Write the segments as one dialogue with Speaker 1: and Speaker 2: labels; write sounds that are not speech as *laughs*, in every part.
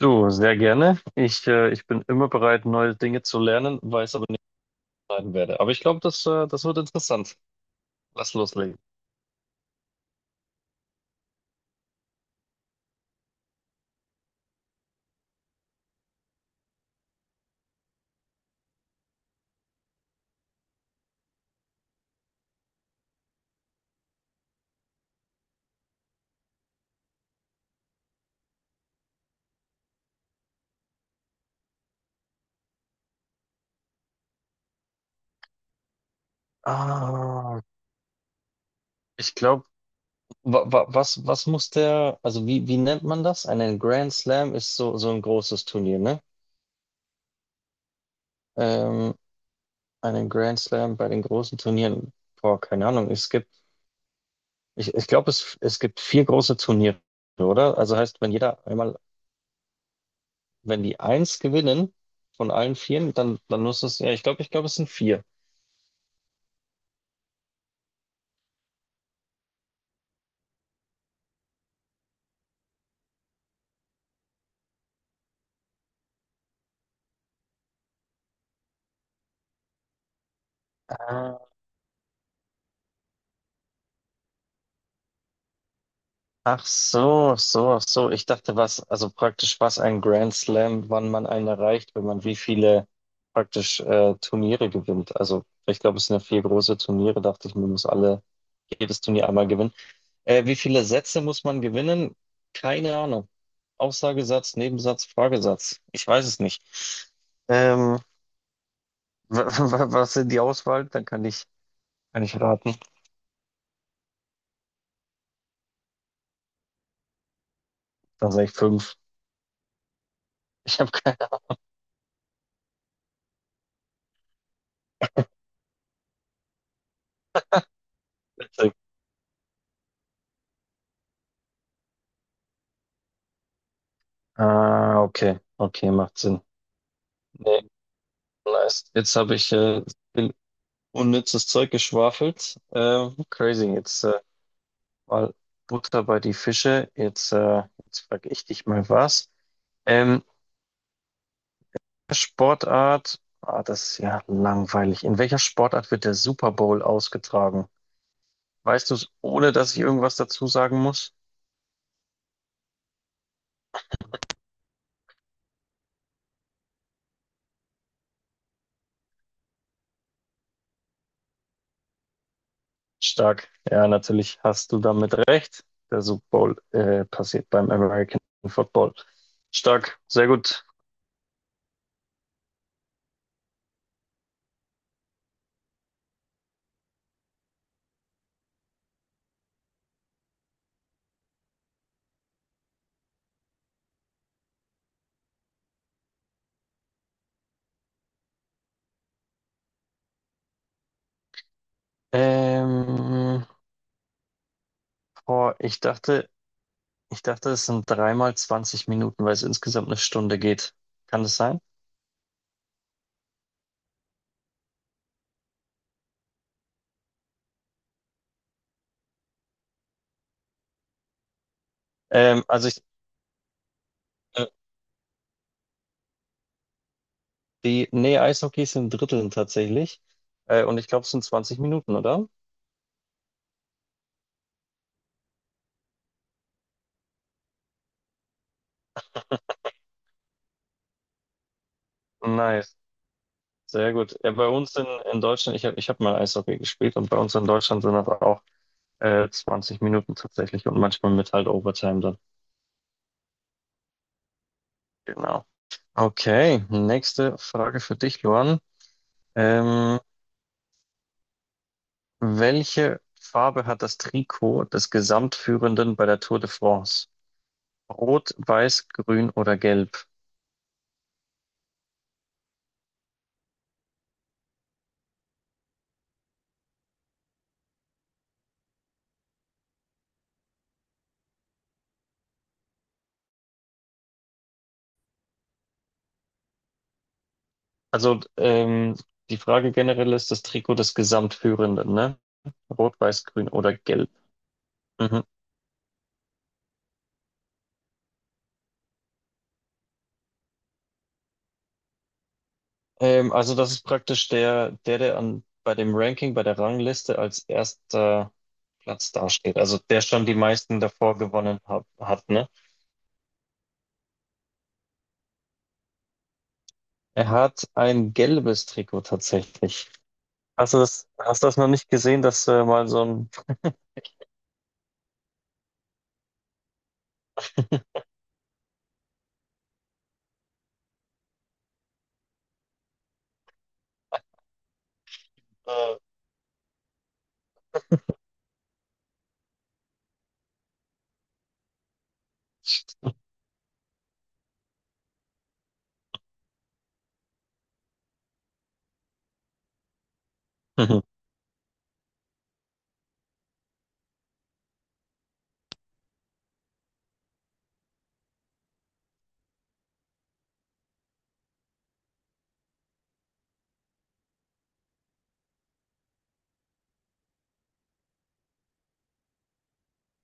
Speaker 1: Du, sehr gerne. Ich bin immer bereit, neue Dinge zu lernen, weiß aber nicht, was ich lernen werde. Aber ich glaube, das wird interessant. Lass loslegen. Ah, Ich glaube, was muss der, also wie nennt man das? Einen Grand Slam ist so ein großes Turnier, ne? Ähm, Einen Grand Slam bei den großen Turnieren, boah, keine Ahnung. Es gibt, ich glaube, es gibt vier große Turniere, oder? Also heißt, wenn jeder einmal, wenn die eins gewinnen von allen vieren, dann muss es, ja, ich glaube, es sind vier. Ah, Ach so. Ich dachte, was, also praktisch, was ein Grand Slam, wann man einen erreicht, wenn man wie viele praktisch Turniere gewinnt. Also, ich glaube, es sind ja vier große Turniere, dachte ich, man muss alle, jedes Turnier einmal gewinnen. Wie viele Sätze muss man gewinnen? Keine Ahnung. Aussagesatz, Nebensatz, Fragesatz. Ich weiß es nicht. Ähm, *laughs* was sind die Auswahl? Dann kann ich raten. Dann sage ich fünf. Ich habe keine Ahnung. Ah, okay, okay, macht Sinn. Nee, nice. Jetzt habe ich viel unnützes Zeug geschwafelt. Crazy. Jetzt mal Butter bei die Fische. Jetzt frage ich dich mal was. Ähm, Sportart. Ah, das ist ja langweilig. In welcher Sportart wird der Super Bowl ausgetragen? Weißt du es, ohne dass ich irgendwas dazu sagen muss? Stark. Ja, natürlich hast du damit recht. Der Super Bowl passiert beim American Football. Stark. Sehr gut. Ähm, Boah, ich dachte, es sind dreimal 20 Minuten, weil es insgesamt eine Stunde geht. Kann das sein? Ähm, also ich, äh, Nee, Eishockey ist in Dritteln tatsächlich. Und ich glaube, es sind 20 Minuten, oder? Nice, sehr gut. Ja, bei uns in Deutschland, ich hab mal Eishockey gespielt und bei uns in Deutschland sind das auch 20 Minuten tatsächlich und manchmal mit halt Overtime dann. Genau. Okay, nächste Frage für dich, Luan. Ähm, Welche Farbe hat das Trikot des Gesamtführenden bei der Tour de France? Rot, weiß, grün oder gelb? Also die Frage generell ist das Trikot des Gesamtführenden, ne? Rot, weiß, grün oder gelb. Mhm. Also das ist praktisch der an, bei dem Ranking, bei der Rangliste als erster Platz dasteht. Also der schon die meisten davor gewonnen hat, ne? Er hat ein gelbes Trikot tatsächlich. Hast du das noch nicht gesehen, dass mal so ein Äh, *laughs* Mhm.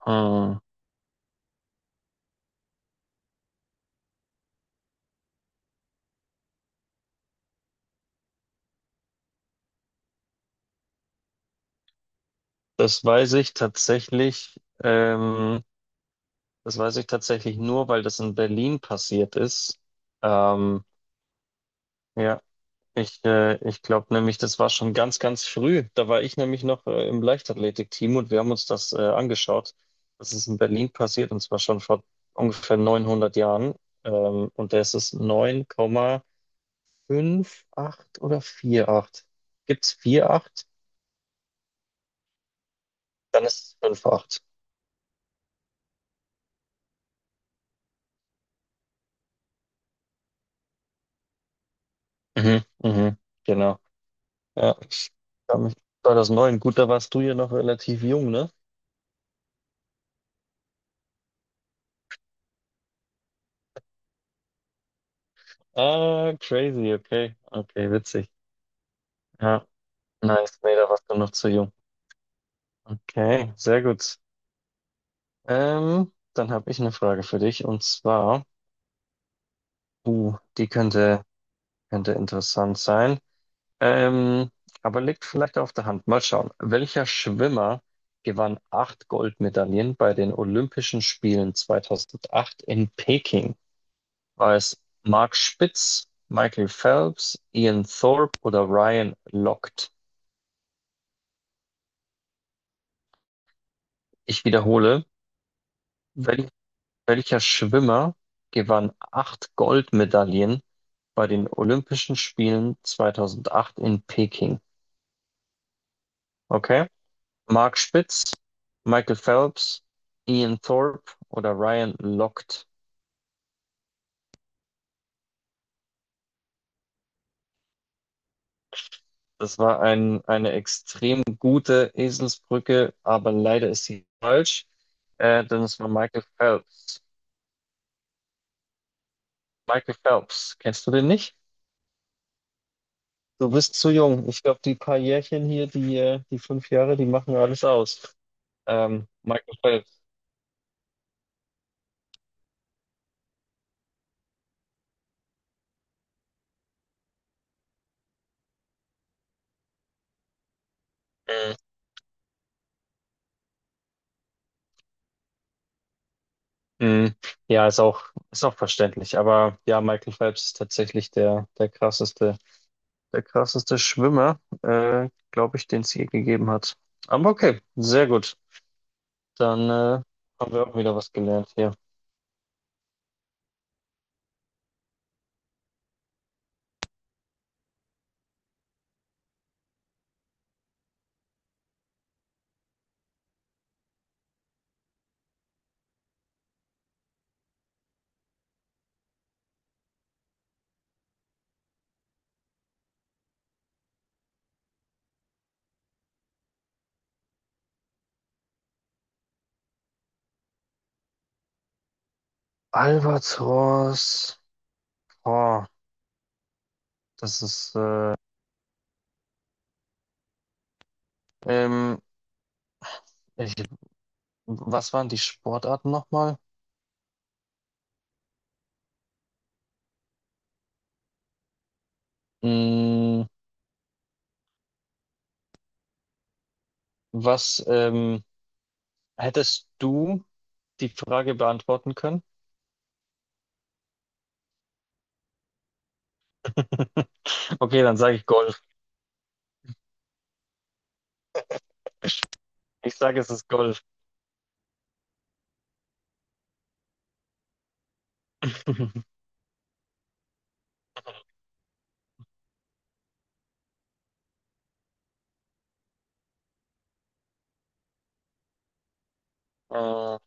Speaker 1: Ah, Das weiß ich tatsächlich, das weiß ich tatsächlich nur, weil das in Berlin passiert ist. Ähm, ja, ich glaube nämlich, das war schon ganz früh. Da war ich nämlich noch im Leichtathletikteam und wir haben uns das angeschaut. Das ist in Berlin passiert und zwar schon vor ungefähr 900 Jahren. Und da ist es 9,58 oder 4,8. Gibt es 4,8? Dann ist es 5,8. Mhm, mhm, genau. Ja, ich kann mich 2009, gut, da warst du ja noch relativ jung, ne? Ah, crazy, okay. Okay, witzig. Ja, nice. Nee, da warst du noch zu jung. Okay, sehr gut. Dann habe ich eine Frage für dich und zwar, uh, die könnte, könnte interessant sein. Ähm, aber liegt vielleicht auf der Hand. Mal schauen. Welcher Schwimmer gewann acht Goldmedaillen bei den Olympischen Spielen 2008 in Peking? War es Mark Spitz, Michael Phelps, Ian Thorpe oder Ryan Lochte? Ich wiederhole, wel welcher Schwimmer gewann acht Goldmedaillen bei den Olympischen Spielen 2008 in Peking? Okay. Mark Spitz, Michael Phelps, Ian Thorpe oder Ryan Lochte? Das war eine extrem gute Eselsbrücke, aber leider ist sie falsch, denn es war Michael Phelps. Michael Phelps, kennst du den nicht? Du bist zu jung. Ich glaube, die paar Jährchen hier, die fünf Jahre, die machen alles aus. Michael Phelps. Mhm. Mhm. Ja, ist auch verständlich. Aber ja, Michael Phelps ist tatsächlich der krasseste Schwimmer, glaube ich, den es je gegeben hat. Aber okay, sehr gut. Dann haben wir auch wieder was gelernt hier. Albatros. Oh, das ist. Ähm, ich Was waren die Sportarten nochmal? Mm, was Hättest du die Frage beantworten können? *laughs* Okay, dann sage ich Golf. Ich sage, es ist Golf. *laughs* Äh,